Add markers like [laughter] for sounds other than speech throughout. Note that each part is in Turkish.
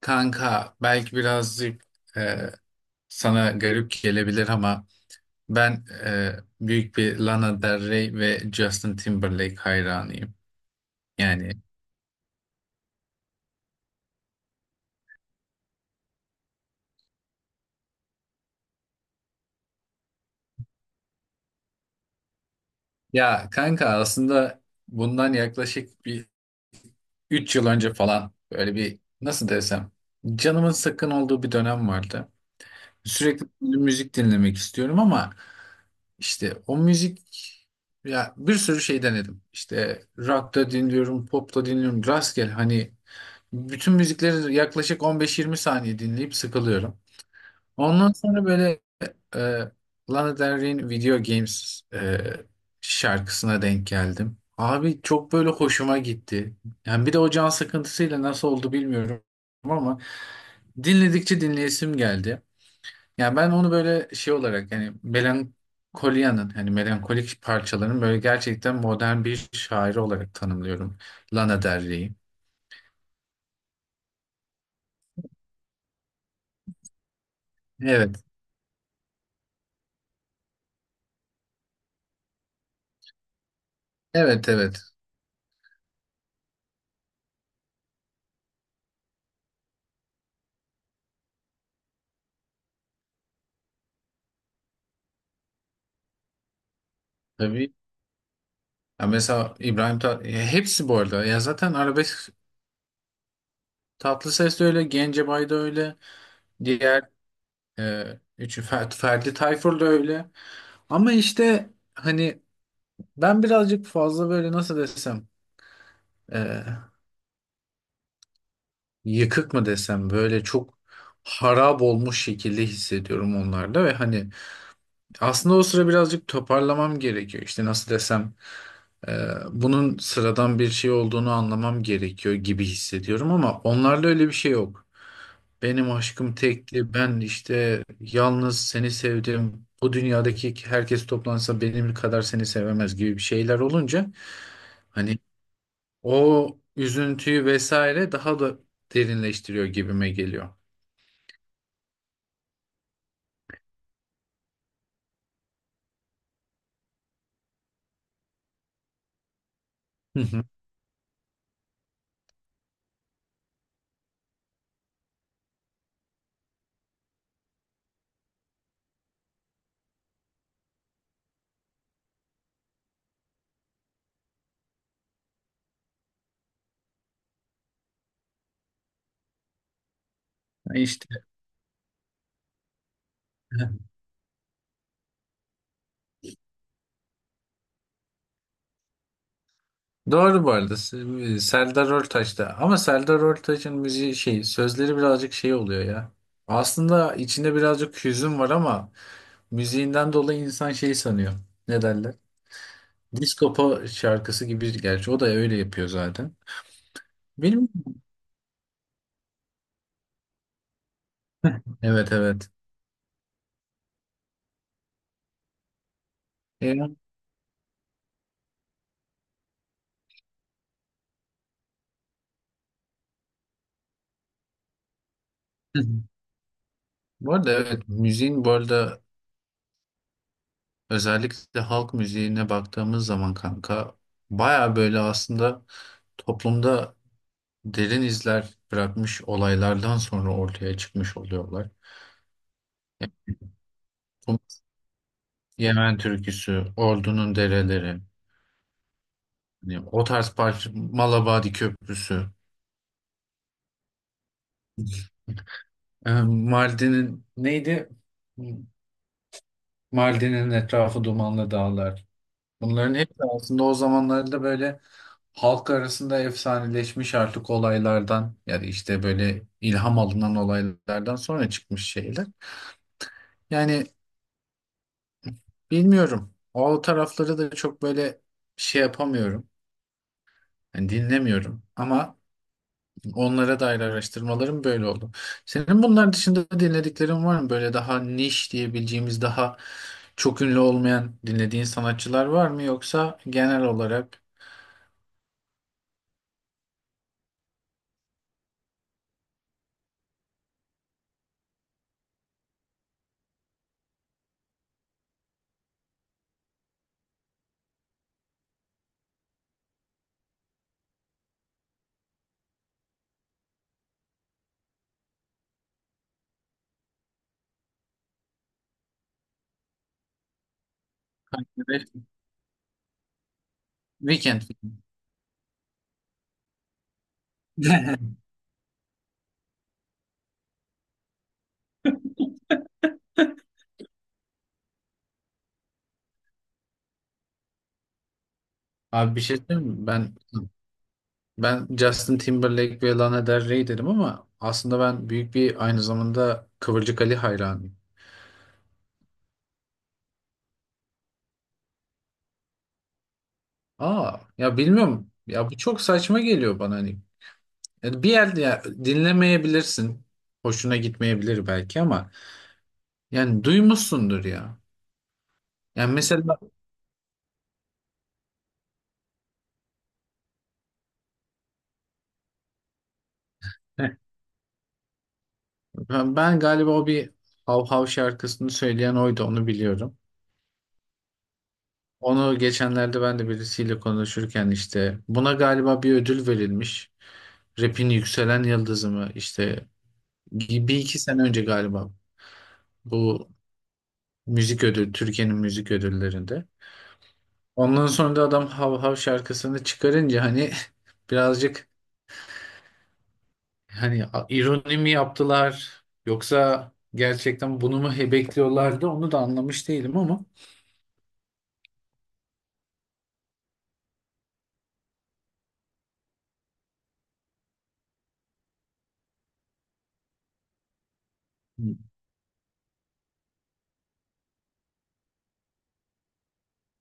Kanka belki birazcık e, sana garip gelebilir ama ben büyük bir Lana Del Rey ve Justin Timberlake hayranıyım. Yani, ya kanka aslında bundan yaklaşık bir 3 yıl önce falan, böyle bir, nasıl desem, canımın sıkkın olduğu bir dönem vardı. Sürekli müzik dinlemek istiyorum ama işte o müzik, ya bir sürü şey denedim. İşte rock da dinliyorum, pop da dinliyorum. Rastgele, hani bütün müzikleri yaklaşık on beş 20 saniye dinleyip sıkılıyorum. Ondan sonra böyle e, Lana Del Rey'in Video Games şarkısına denk geldim. Abi çok böyle hoşuma gitti. Yani bir de o can sıkıntısıyla nasıl oldu bilmiyorum ama dinledikçe dinleyesim geldi. Yani ben onu böyle şey olarak, yani Melankolia'nın, hani melankolik parçaların böyle gerçekten modern bir şairi olarak tanımlıyorum Lana Del Rey'i. Evet. Evet, evet. Tabii. Ya mesela İbrahim Tat, ya hepsi bu arada. Ya zaten arabesk Tatlıses de öyle, Gencebay da öyle, diğer, e, üçü, Ferdi Tayfur da öyle. Ama işte hani ben birazcık fazla böyle, nasıl desem, e, yıkık mı desem, böyle çok harap olmuş şekilde hissediyorum onlarda ve hani aslında o sıra birazcık toparlamam gerekiyor. İşte nasıl desem, e, bunun sıradan bir şey olduğunu anlamam gerekiyor gibi hissediyorum ama onlarda öyle bir şey yok. Benim aşkım tekti. Ben işte yalnız seni sevdim. Bu dünyadaki herkes toplansa benim kadar seni sevemez gibi bir şeyler olunca, hani o üzüntüyü vesaire daha da derinleştiriyor gibime geliyor. Hı hı. İşte [laughs] doğru bu arada. Serdar Ortaç'ta, ama Serdar Ortaç'ın müziği, şey, sözleri birazcık şey oluyor ya. Aslında içinde birazcık hüzün var ama müziğinden dolayı insan şey sanıyor. Ne derler? Disco Po- şarkısı gibi, gerçi o da öyle yapıyor zaten. Benim evet, evet. E, hı. Bu arada evet, müziğin bu arada, özellikle halk müziğine baktığımız zaman kanka, baya böyle aslında toplumda derin izler bırakmış olaylardan sonra ortaya çıkmış oluyorlar. Yani bu Yemen türküsü, Ordu'nun dereleri, hani o tarz parça Malabadi Köprüsü, Mardin'in neydi? Mardin'in etrafı dumanlı dağlar. Bunların hepsi aslında o zamanlarda böyle halk arasında efsaneleşmiş artık olaylardan ya da işte böyle ilham alınan olaylardan sonra çıkmış şeyler. Yani bilmiyorum, o tarafları da çok böyle şey yapamıyorum. Yani dinlemiyorum ama onlara dair araştırmalarım böyle oldu. Senin bunlar dışında dinlediklerin var mı? Böyle daha niş diyebileceğimiz, daha çok ünlü olmayan dinlediğin sanatçılar var mı, yoksa genel olarak? Evet, Weekend. [laughs] Abi bir şey söyleyeyim mi? Ben Justin Timberlake ve Lana Del Rey dedim ama aslında ben büyük bir, aynı zamanda Kıvırcık Ali hayranıyım. Aa, ya bilmiyorum. Ya bu çok saçma geliyor bana, hani. Yani bir yerde ya, dinlemeyebilirsin. Hoşuna gitmeyebilir belki ama yani duymuşsundur ya. Yani mesela [laughs] ben galiba o bir Hav Hav şarkısını söyleyen oydu, onu biliyorum. Onu geçenlerde ben de birisiyle konuşurken işte, buna galiba bir ödül verilmiş. Rap'in yükselen yıldızı mı işte, bir iki sene önce galiba, bu müzik ödül Türkiye'nin müzik ödüllerinde. Ondan sonra da adam Hav Hav şarkısını çıkarınca hani [laughs] birazcık, hani a- ironi mi yaptılar yoksa gerçekten bunu mu he- bekliyorlardı, onu da anlamış değilim ama. Hı.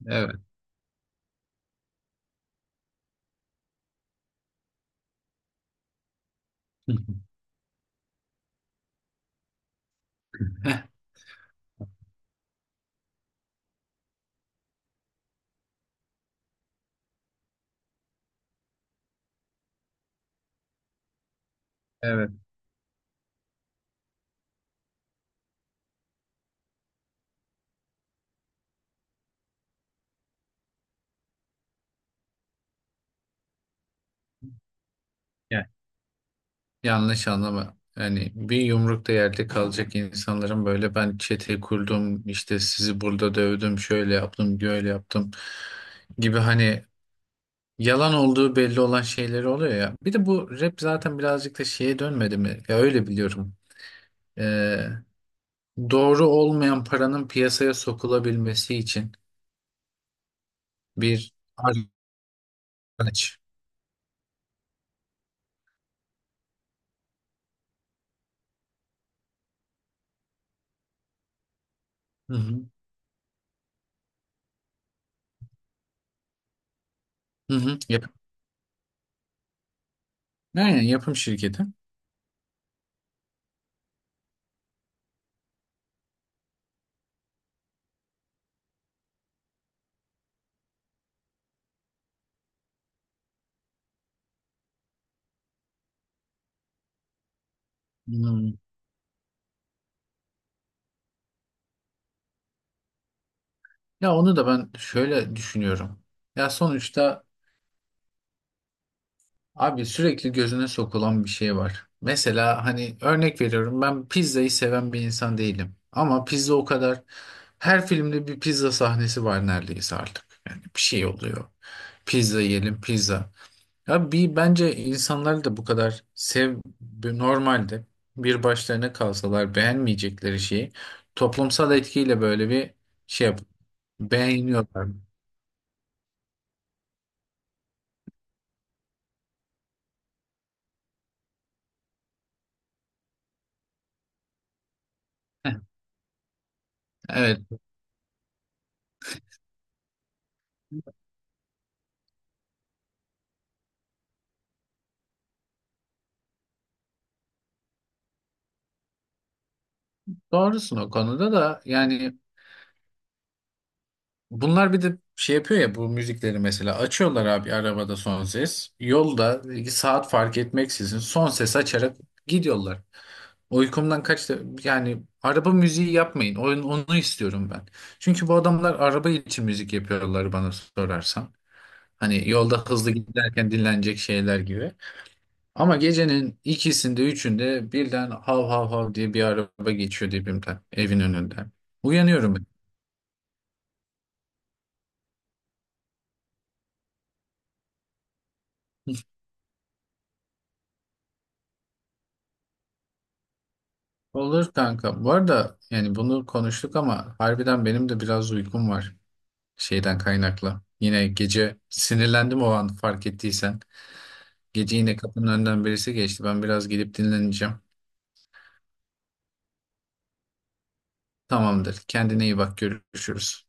Evet. [laughs] Heh. Evet. Yanlış anlama. Yani bir yumrukta yerde kalacak insanların böyle, ben çete kurdum, işte sizi burada dövdüm, şöyle yaptım, böyle yaptım gibi, hani yalan olduğu belli olan şeyleri oluyor ya. Bir de bu rap zaten birazcık da şeye dönmedi mi? Ya öyle biliyorum. Ee, doğru olmayan paranın piyasaya sokulabilmesi için bir araç. Hı hı. Hı hı. Aynen, yapım şirketi. Hmm. Ya onu da ben şöyle düşünüyorum. Ya sonuçta abi sürekli gözüne sokulan bir şey var. Mesela hani örnek veriyorum, ben pizzayı seven bir insan değilim. Ama pizza o kadar, her filmde bir pizza sahnesi var neredeyse artık. Yani bir şey oluyor. Pizza yiyelim pizza. Ya bir, bence insanlar da bu kadar normalde bir başlarına kalsalar beğenmeyecekleri şeyi toplumsal etkiyle böyle bir şey beğeniyorlar. [laughs] Evet, doğrusun o konuda da yani. Bunlar bir de şey yapıyor ya, bu müzikleri mesela açıyorlar abi, arabada son ses. Yolda saat fark etmeksizin son ses açarak gidiyorlar. Uykumdan kaçtı, yani araba müziği yapmayın. Onu istiyorum ben. Çünkü bu adamlar araba için müzik yapıyorlar bana sorarsan. Hani yolda hızlı giderken dinlenecek şeyler gibi. Ama gecenin ikisinde üçünde birden hav hav hav diye bir araba geçiyor dibimden, evin önünden. Uyanıyorum. Olur kanka. Bu arada yani bunu konuştuk ama harbiden benim de biraz uykum var, şeyden kaynaklı. Yine gece sinirlendim, o an fark ettiysen. Gece yine kapının önünden birisi geçti. Ben biraz gidip dinleneceğim. Tamamdır. Kendine iyi bak. Görüşürüz.